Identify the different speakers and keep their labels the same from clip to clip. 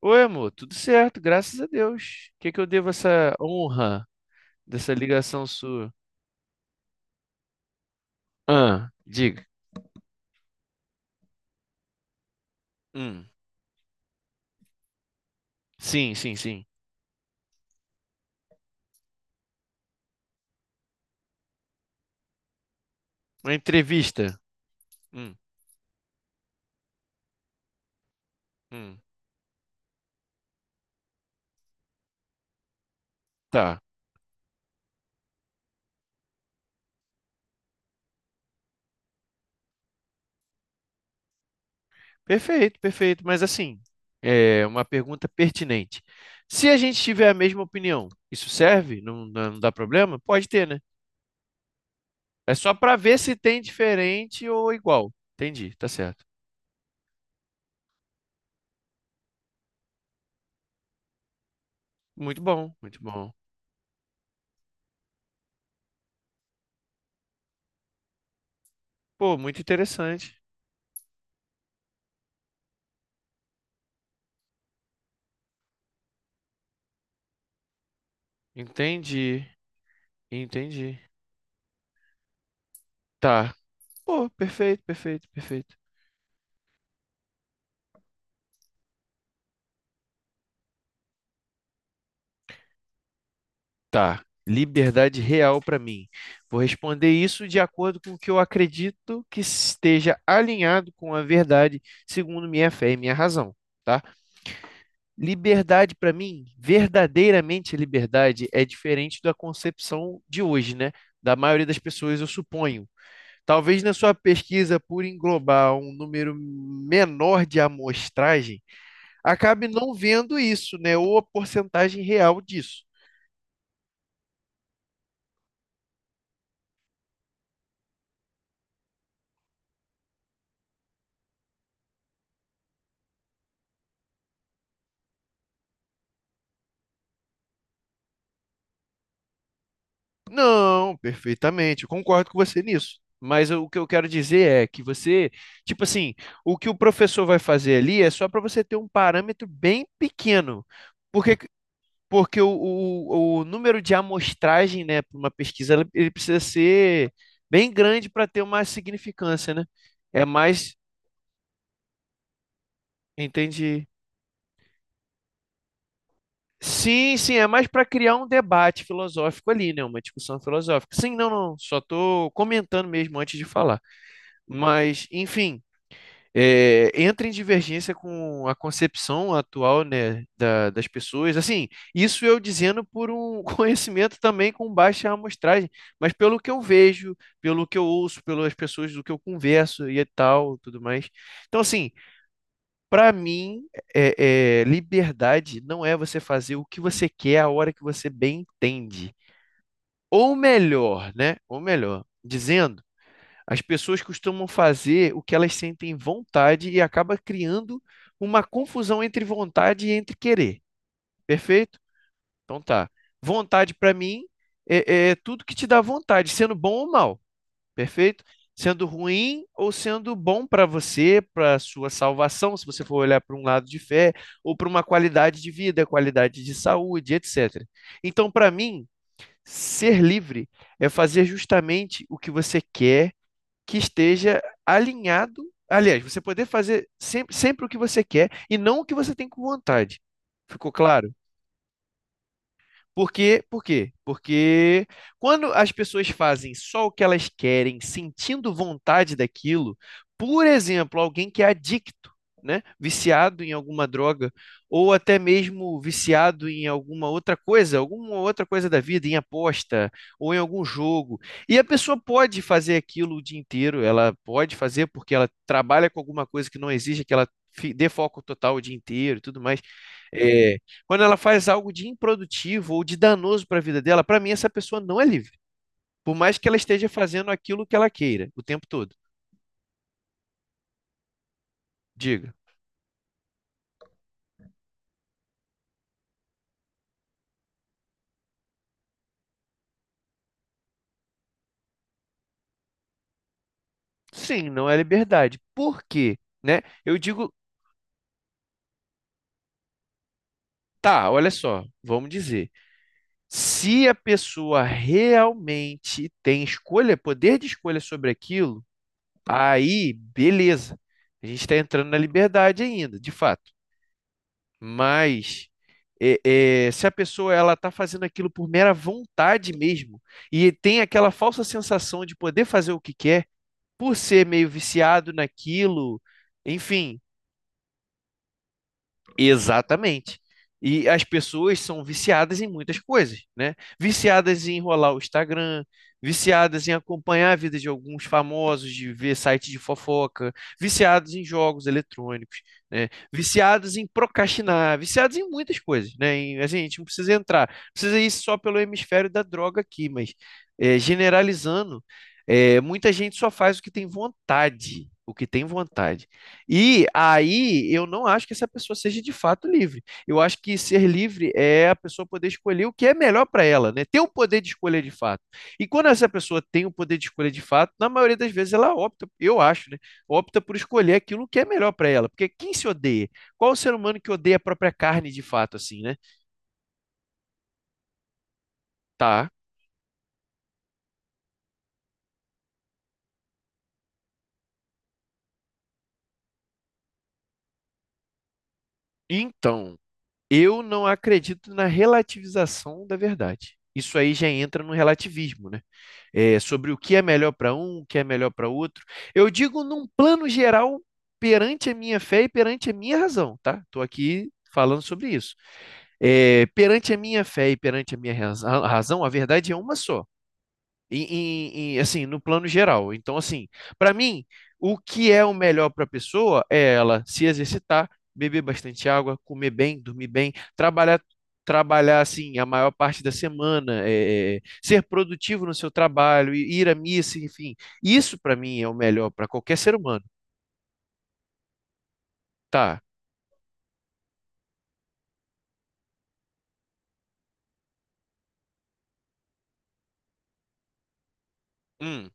Speaker 1: Oi, amor, tudo certo, graças a Deus. O que que eu devo essa honra dessa ligação sua? Ah, diga. Hum, sim, sim, sim. Uma entrevista. Hum, hum, tá. Perfeito, perfeito. Mas assim, é uma pergunta pertinente. Se a gente tiver a mesma opinião, isso serve? Não, não dá problema? Pode ter, né? É só para ver se tem diferente ou igual. Entendi, tá certo. Muito bom, muito bom. Pô, muito interessante. Entendi, entendi. Tá. Pô, perfeito, perfeito, perfeito. Tá. Liberdade real para mim. Vou responder isso de acordo com o que eu acredito que esteja alinhado com a verdade, segundo minha fé e minha razão, tá? Liberdade para mim, verdadeiramente liberdade é diferente da concepção de hoje, né? Da maioria das pessoas, eu suponho. Talvez na sua pesquisa, por englobar um número menor de amostragem, acabe não vendo isso, né? Ou a porcentagem real disso. Não, perfeitamente, eu concordo com você nisso. Mas o que eu quero dizer é que você, tipo assim, o que o professor vai fazer ali é só para você ter um parâmetro bem pequeno. Porque, porque o número de amostragem, né, para uma pesquisa, ele precisa ser bem grande para ter uma significância, né? É mais, entendi. Sim, sim, é mais para criar um debate filosófico ali, né? Uma discussão filosófica. Sim, não, não, só estou comentando mesmo antes de falar. Mas, enfim. Entra em divergência com a concepção atual, né, da- das pessoas. Assim, isso eu dizendo por um conhecimento também com baixa amostragem, mas pelo que eu vejo, pelo que eu ouço, pelas pessoas do que eu converso e tal, tudo mais. Então, assim, para mim, liberdade não é você fazer o que você quer a hora que você bem entende. Ou melhor, né? Ou melhor, dizendo as pessoas costumam fazer o que elas sentem vontade e acaba criando uma confusão entre vontade e entre querer. Perfeito? Então tá. Vontade para mim é tudo que te dá vontade, sendo bom ou mal. Perfeito? Sendo ruim ou sendo bom para você, para sua salvação, se você for olhar para um lado de fé, ou para uma qualidade de vida, qualidade de saúde, etc. Então, para mim, ser livre é fazer justamente o que você quer que esteja alinhado. Aliás, você poder fazer sempre, sempre o que você quer e não o que você tem com vontade. Ficou claro? Por quê? Por quê? Porque quando as pessoas fazem só o que elas querem, sentindo vontade daquilo, por exemplo, alguém que é adicto, né? Viciado em alguma droga, ou até mesmo viciado em alguma outra coisa da vida, em aposta, ou em algum jogo. E a pessoa pode fazer aquilo o dia inteiro, ela pode fazer porque ela trabalha com alguma coisa que não exige que ela dê foco total o dia inteiro e tudo mais. é, Quando ela faz algo de improdutivo ou de danoso para a vida dela, para mim essa pessoa não é livre. Por mais que ela esteja fazendo aquilo que ela queira o tempo todo. Diga. Sim, não é liberdade. Por quê? Né? Eu digo, tá, olha só, vamos dizer. Se a pessoa realmente tem escolha, poder de escolha sobre aquilo, aí beleza. A gente está entrando na liberdade ainda, de fato. Mas é, se a pessoa ela está fazendo aquilo por mera vontade mesmo e tem aquela falsa sensação de poder fazer o que quer, por ser meio viciado naquilo, enfim. Exatamente. E as pessoas são viciadas em muitas coisas, né? Viciadas em enrolar o Instagram, viciadas em acompanhar a vida de alguns famosos, de ver site de fofoca, viciados em jogos eletrônicos, né? Viciados em procrastinar, viciados em muitas coisas, né? E, assim, a gente não precisa entrar, precisa ir só pelo hemisfério da droga aqui, mas generalizando, muita gente só faz o que tem vontade, o que tem vontade. E aí eu não acho que essa pessoa seja de fato livre. Eu acho que ser livre é a pessoa poder escolher o que é melhor para ela, né? Ter o poder de escolher de fato. E quando essa pessoa tem o poder de escolher de fato, na maioria das vezes ela opta, eu acho, né? Opta por escolher aquilo que é melhor para ela. Porque quem se odeia? Qual o ser humano que odeia a própria carne de fato, assim, né? Tá. Então, eu não acredito na relativização da verdade. Isso aí já entra no relativismo, né? Sobre o que é melhor para um, o que é melhor para outro. Eu digo num plano geral perante a minha fé e perante a minha razão, tá? Estou aqui falando sobre isso. É, perante a minha fé e perante a minha razão, a verdade é uma só em, assim, no plano geral. Então, assim, para mim, o que é o melhor para a pessoa é ela se exercitar, beber bastante água, comer bem, dormir bem, trabalhar, trabalhar assim a maior parte da semana, ser produtivo no seu trabalho, ir à missa, enfim. Isso para mim é o melhor para qualquer ser humano. Tá. Hum,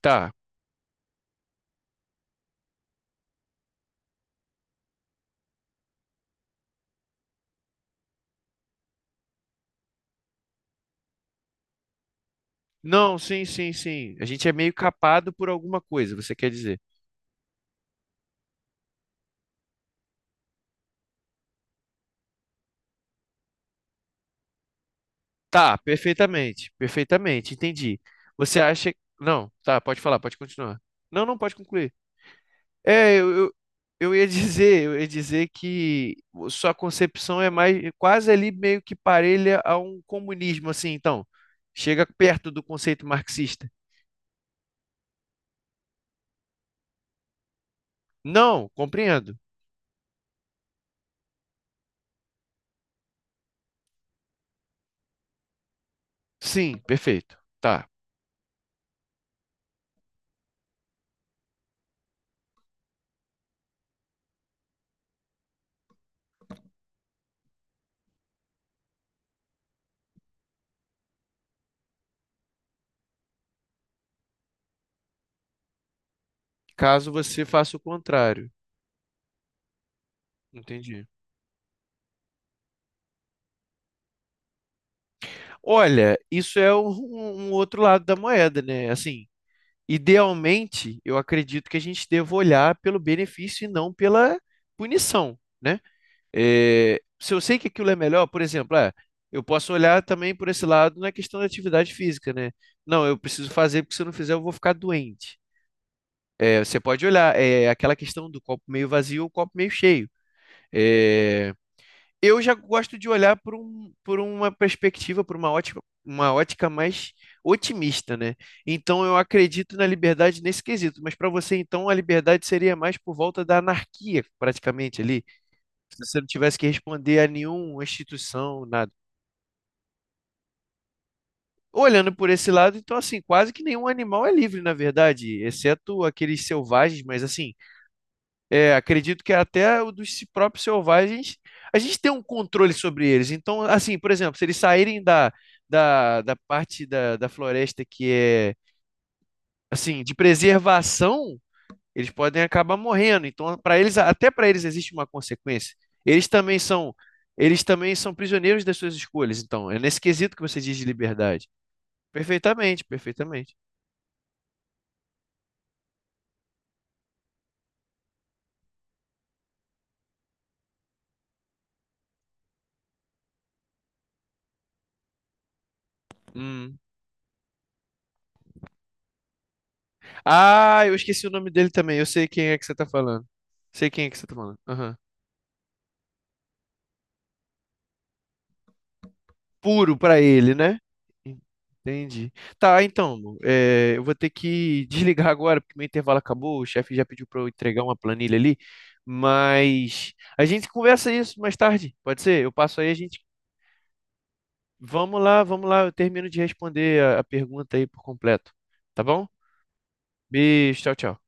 Speaker 1: tá. Não, sim, sim, sim. A gente é meio capado por alguma coisa, você quer dizer. Tá, perfeitamente, perfeitamente, entendi. Você acha. Não, tá, pode falar, pode continuar. Não, não pode concluir. É, eu ia dizer, eu ia dizer que sua concepção é mais quase ali meio que parelha a um comunismo, assim, então. Chega perto do conceito marxista. Não, compreendo. Sim, perfeito. Tá. Caso você faça o contrário. Entendi. Olha, isso é um, um outro lado da moeda, né? Assim, idealmente, eu acredito que a gente deva olhar pelo benefício e não pela punição, né? É, se eu sei que aquilo é melhor, por exemplo, ah, eu posso olhar também por esse lado na questão da atividade física, né? Não, eu preciso fazer porque se eu não fizer eu vou ficar doente. É, você pode olhar, é aquela questão do copo meio vazio ou copo meio cheio. É, eu já gosto de olhar por, por uma perspectiva, por uma ótica mais otimista, né? Então eu acredito na liberdade nesse quesito, mas para você então a liberdade seria mais por volta da anarquia, praticamente ali, se você não tivesse que responder a nenhuma instituição, nada. Olhando por esse lado, então assim, quase que nenhum animal é livre, na verdade, exceto aqueles selvagens, mas assim, é, acredito que até o dos próprios selvagens, a gente tem um controle sobre eles. Então, assim, por exemplo, se eles saírem da parte da floresta que é, assim, de preservação, eles podem acabar morrendo. Então, para eles, até para eles existe uma consequência. Eles também são, eles também são prisioneiros das suas escolhas. Então, é nesse quesito que você diz de liberdade. Perfeitamente, perfeitamente. Hum. Ah, eu esqueci o nome dele também. Eu sei quem é que você está falando. Sei quem é que você está falando. Aham. Puro para ele, né? Entendi. Tá, então, Lu, é, eu vou ter que desligar agora, porque meu intervalo acabou. O chefe já pediu para eu entregar uma planilha ali. Mas a gente conversa isso mais tarde, pode ser? Eu passo aí, a gente. Vamos lá, eu termino de responder a pergunta aí por completo. Tá bom? Beijo, tchau, tchau.